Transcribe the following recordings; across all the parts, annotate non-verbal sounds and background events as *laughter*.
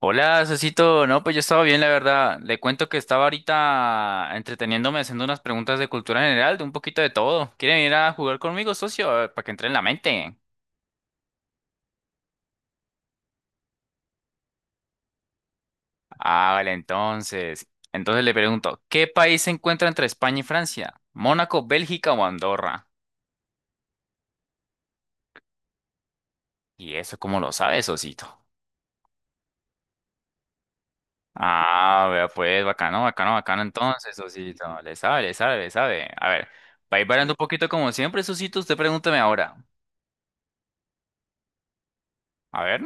Hola, Cecito. No, pues yo estaba bien, la verdad. Le cuento que estaba ahorita entreteniéndome haciendo unas preguntas de cultura general, de un poquito de todo. ¿Quieren ir a jugar conmigo, socio? A ver, para que entre en la mente. Ah, vale, entonces. Entonces le pregunto, ¿qué país se encuentra entre España y Francia? ¿Mónaco, Bélgica o Andorra? ¿Y eso cómo lo sabe, Sosito? Ah, vea, pues, bacano, bacano, bacano. Entonces, Sosito, le sabe, le sabe, le sabe. A ver, va a ir variando un poquito como siempre, Sosito. Usted pregúntame ahora. A ver.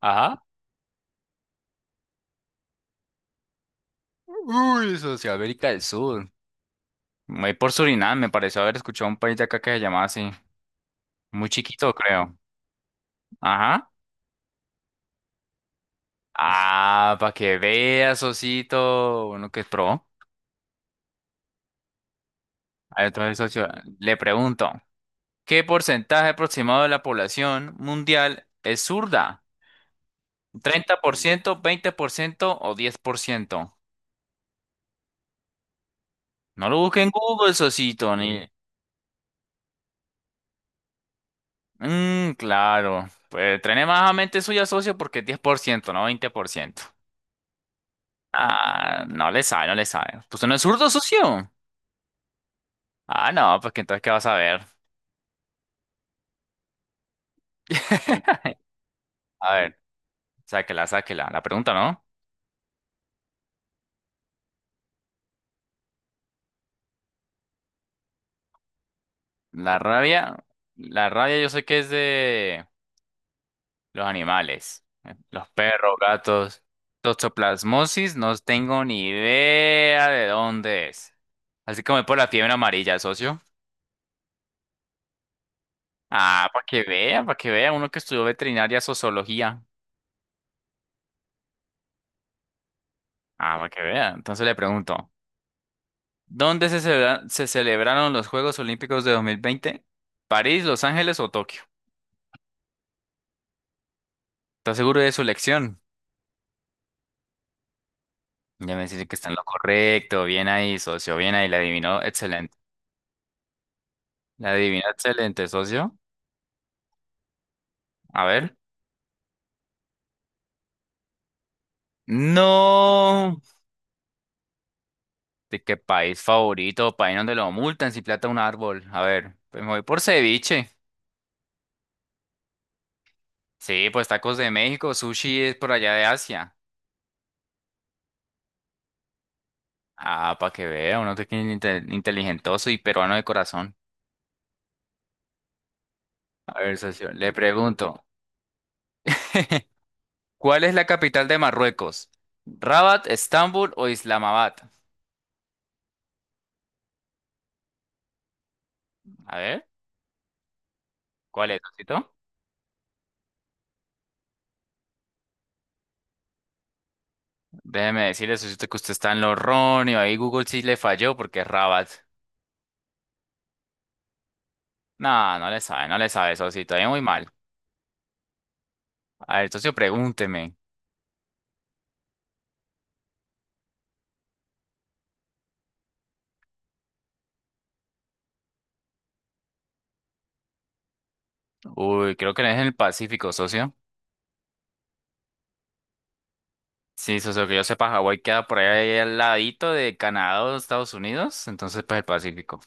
Ajá. Uy, Socioamérica del Sur. Voy por Surinam, me pareció haber escuchado un país de acá que se llamaba así. Muy chiquito, creo. Ajá. Ah, para que veas, Socito. Uno que es pro. A ver, entonces, socio, le pregunto, ¿qué porcentaje aproximado de la población mundial es zurda? ¿30%, 20% o 10%? No lo busque en Google, Socito, ni... Mm, claro. Pues trene más a mente suya, socio, porque es 10%, no 20%. Ah, no le sabe, no le sabe. Pues no es zurdo, socio. Ah, no, pues que entonces, ¿qué vas a ver? *laughs* A ver, sáquela, sáquela. La pregunta, ¿no? La rabia, la rabia yo sé que es de los animales. Los perros, gatos. Toxoplasmosis, no tengo ni idea de dónde es. Así como es por la fiebre amarilla, socio. Ah, para que vea, uno que estudió veterinaria, sociología. Ah, para que vea. Entonces le pregunto. ¿Dónde se celebraron los Juegos Olímpicos de 2020? ¿París, Los Ángeles o Tokio? ¿Estás seguro de su elección? Ya me dice que está en lo correcto. Bien ahí, socio. Bien ahí. La adivinó. Excelente. La adivinó. Excelente, socio. A ver. No. ¿De qué país favorito? País donde lo multan si plata un árbol. A ver. Pues me voy por ceviche. Sí, pues tacos de México. Sushi es por allá de Asia. Ah, para que vea. Uno que es inteligentoso y peruano de corazón. A ver, socio, le pregunto, *laughs* ¿cuál es la capital de Marruecos? ¿Rabat, Estambul o Islamabad? A ver, ¿cuál es, Sosito? Déjeme decirle, Sosito, que usted está en lo erróneo. Ahí Google sí le falló porque es Rabat. No, no le sabe, no le sabe, Sosito. Ahí muy mal. A ver, socio, pregúnteme. Uy, creo que no es en el Pacífico, socio. Sí, socio, que yo sepa, Hawái queda por ahí al ladito de Canadá o Estados Unidos. Entonces, pues el Pacífico.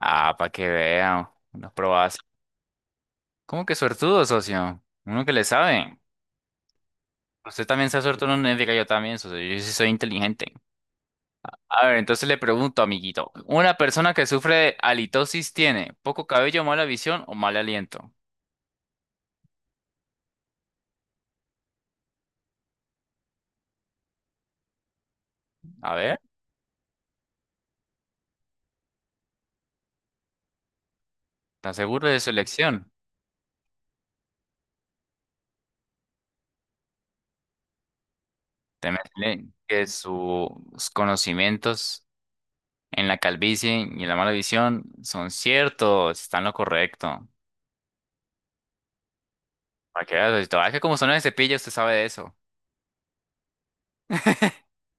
Ah, para que vean. Unas probas. ¿Cómo que suertudo, socio? Uno que le sabe. Usted también se ha suelto en una ética, yo también, socio, yo sí soy inteligente. A ver, entonces le pregunto, amiguito, ¿una persona que sufre de halitosis tiene poco cabello, mala visión o mal aliento? A ver, ¿está seguro de su elección? Teme que sus conocimientos en la calvicie y en la mala visión son ciertos, están lo correcto. Para que vea, socito, es que como son de cepillo, usted sabe de eso.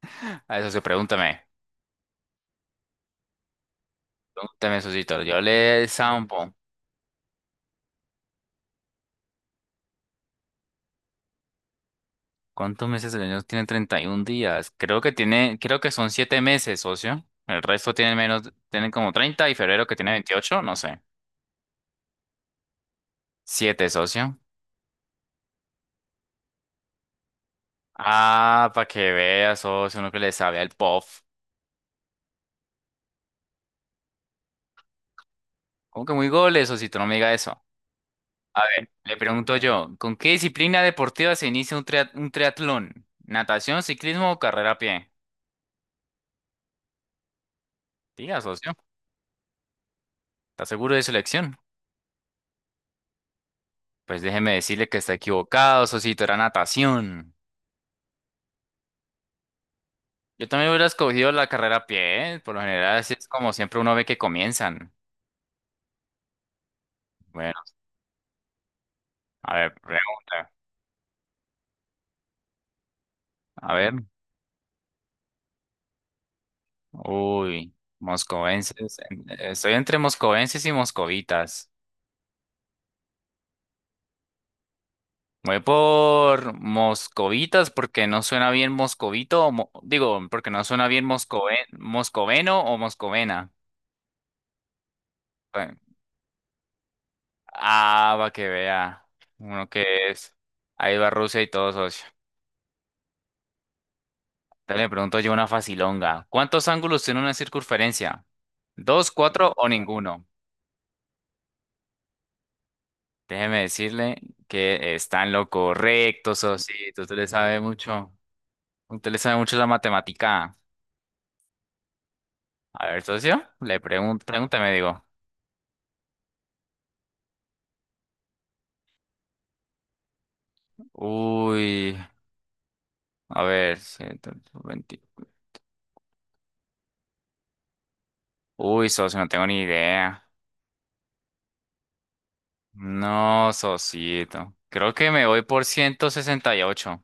*laughs* A ver, socio, pregúntame, pregúntame, socito, yo le zampo. ¿Cuántos meses del año tiene 31 días? Creo que tiene, creo que son 7 meses, socio. El resto tienen menos, tienen como 30 y febrero que tiene 28, no sé. 7, socio. Ah, para que veas, socio, uno que le sabe al POF. ¿Cómo que muy goles, socito? No me diga eso. A ver, le pregunto yo, ¿con qué disciplina deportiva se inicia un triatlón? ¿Natación, ciclismo o carrera a pie? Diga, socio, ¿está seguro de su elección? Pues déjeme decirle que está equivocado, socito, era natación. Yo también hubiera escogido la carrera a pie, ¿eh? Por lo general, así es como siempre uno ve que comienzan. Bueno, a ver, pregunta. A ver, uy, moscovenses. Estoy entre moscovenses y moscovitas. Voy por moscovitas porque no suena bien moscovito, o digo, porque no suena bien moscoveno o moscovena. Bueno, ah, va que vea. Uno que es. Ahí va Rusia y todo, socio. Dale, pregunto yo una facilonga. ¿Cuántos ángulos tiene una circunferencia? ¿Dos, cuatro o ninguno? Déjeme decirle que está en lo correcto, socito. Usted le sabe mucho. Usted le sabe mucho la matemática. A ver, socio, le pregunto, pregúntame, digo. Uy, a ver, 120. Uy, socio, no tengo ni idea. No, socito. Creo que me voy por 168.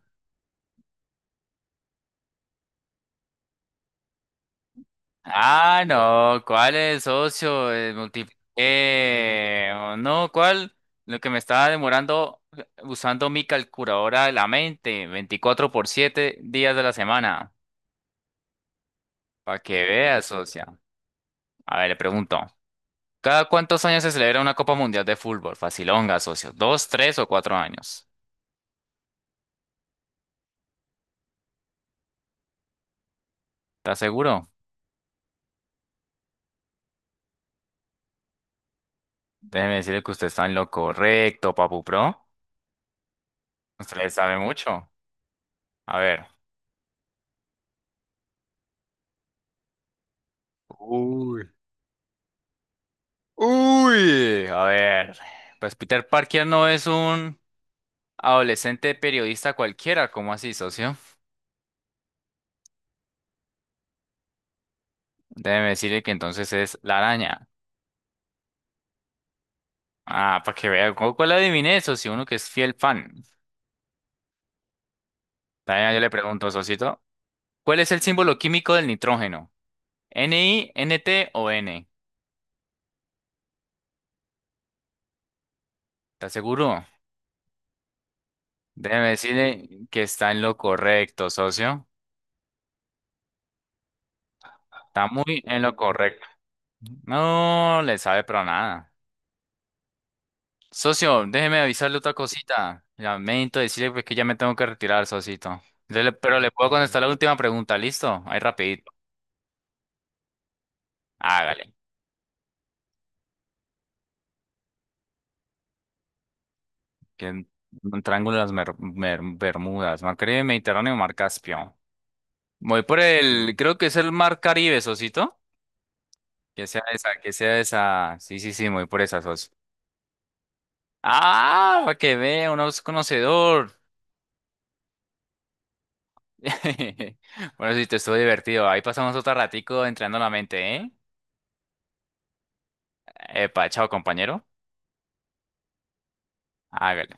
Ah, no, ¿cuál es, socio? Multipliqué. O no, ¿cuál? Lo que me estaba demorando usando mi calculadora de la mente, 24 por 7 días de la semana. Para que veas, socia. A ver, le pregunto. ¿Cada cuántos años se celebra una Copa Mundial de Fútbol? Facilonga, socio. ¿Dos, tres o cuatro años? ¿Estás seguro? Déjeme decirle que usted está en lo correcto, Papu Pro. Usted le sabe mucho. A ver. Uy. Uy, a ver, pues Peter Parker no es un adolescente periodista cualquiera, ¿cómo así, socio? Déjeme decirle que entonces es la araña. Ah, para que vea, ¿cu- ¿cuál adiviné, socio? Uno que es fiel fan. También yo le pregunto, socito, ¿cuál es el símbolo químico del nitrógeno? ¿N, I, N t o N? ¿Estás seguro? Déjeme decirle que está en lo correcto, socio. Está muy en lo correcto. No le sabe pero nada. Socio, déjeme avisarle otra cosita. Lamento decirle pues, que ya me tengo que retirar, socito. Pero le puedo contestar la última pregunta, ¿listo? Ahí rapidito. Hágale. Que un triángulo de las Bermudas, Mar Caribe, Mediterráneo, Mar Caspio. Voy por el, creo que es el Mar Caribe, socito. Que sea esa, que sea esa. Sí, sí, sí, voy por esa, socio. Ah, para que vea, uno es conocedor. *laughs* Bueno, sí, te estuvo divertido. Ahí pasamos otro ratico entrenando la mente, ¿eh? Epa, chao, compañero. Hágale.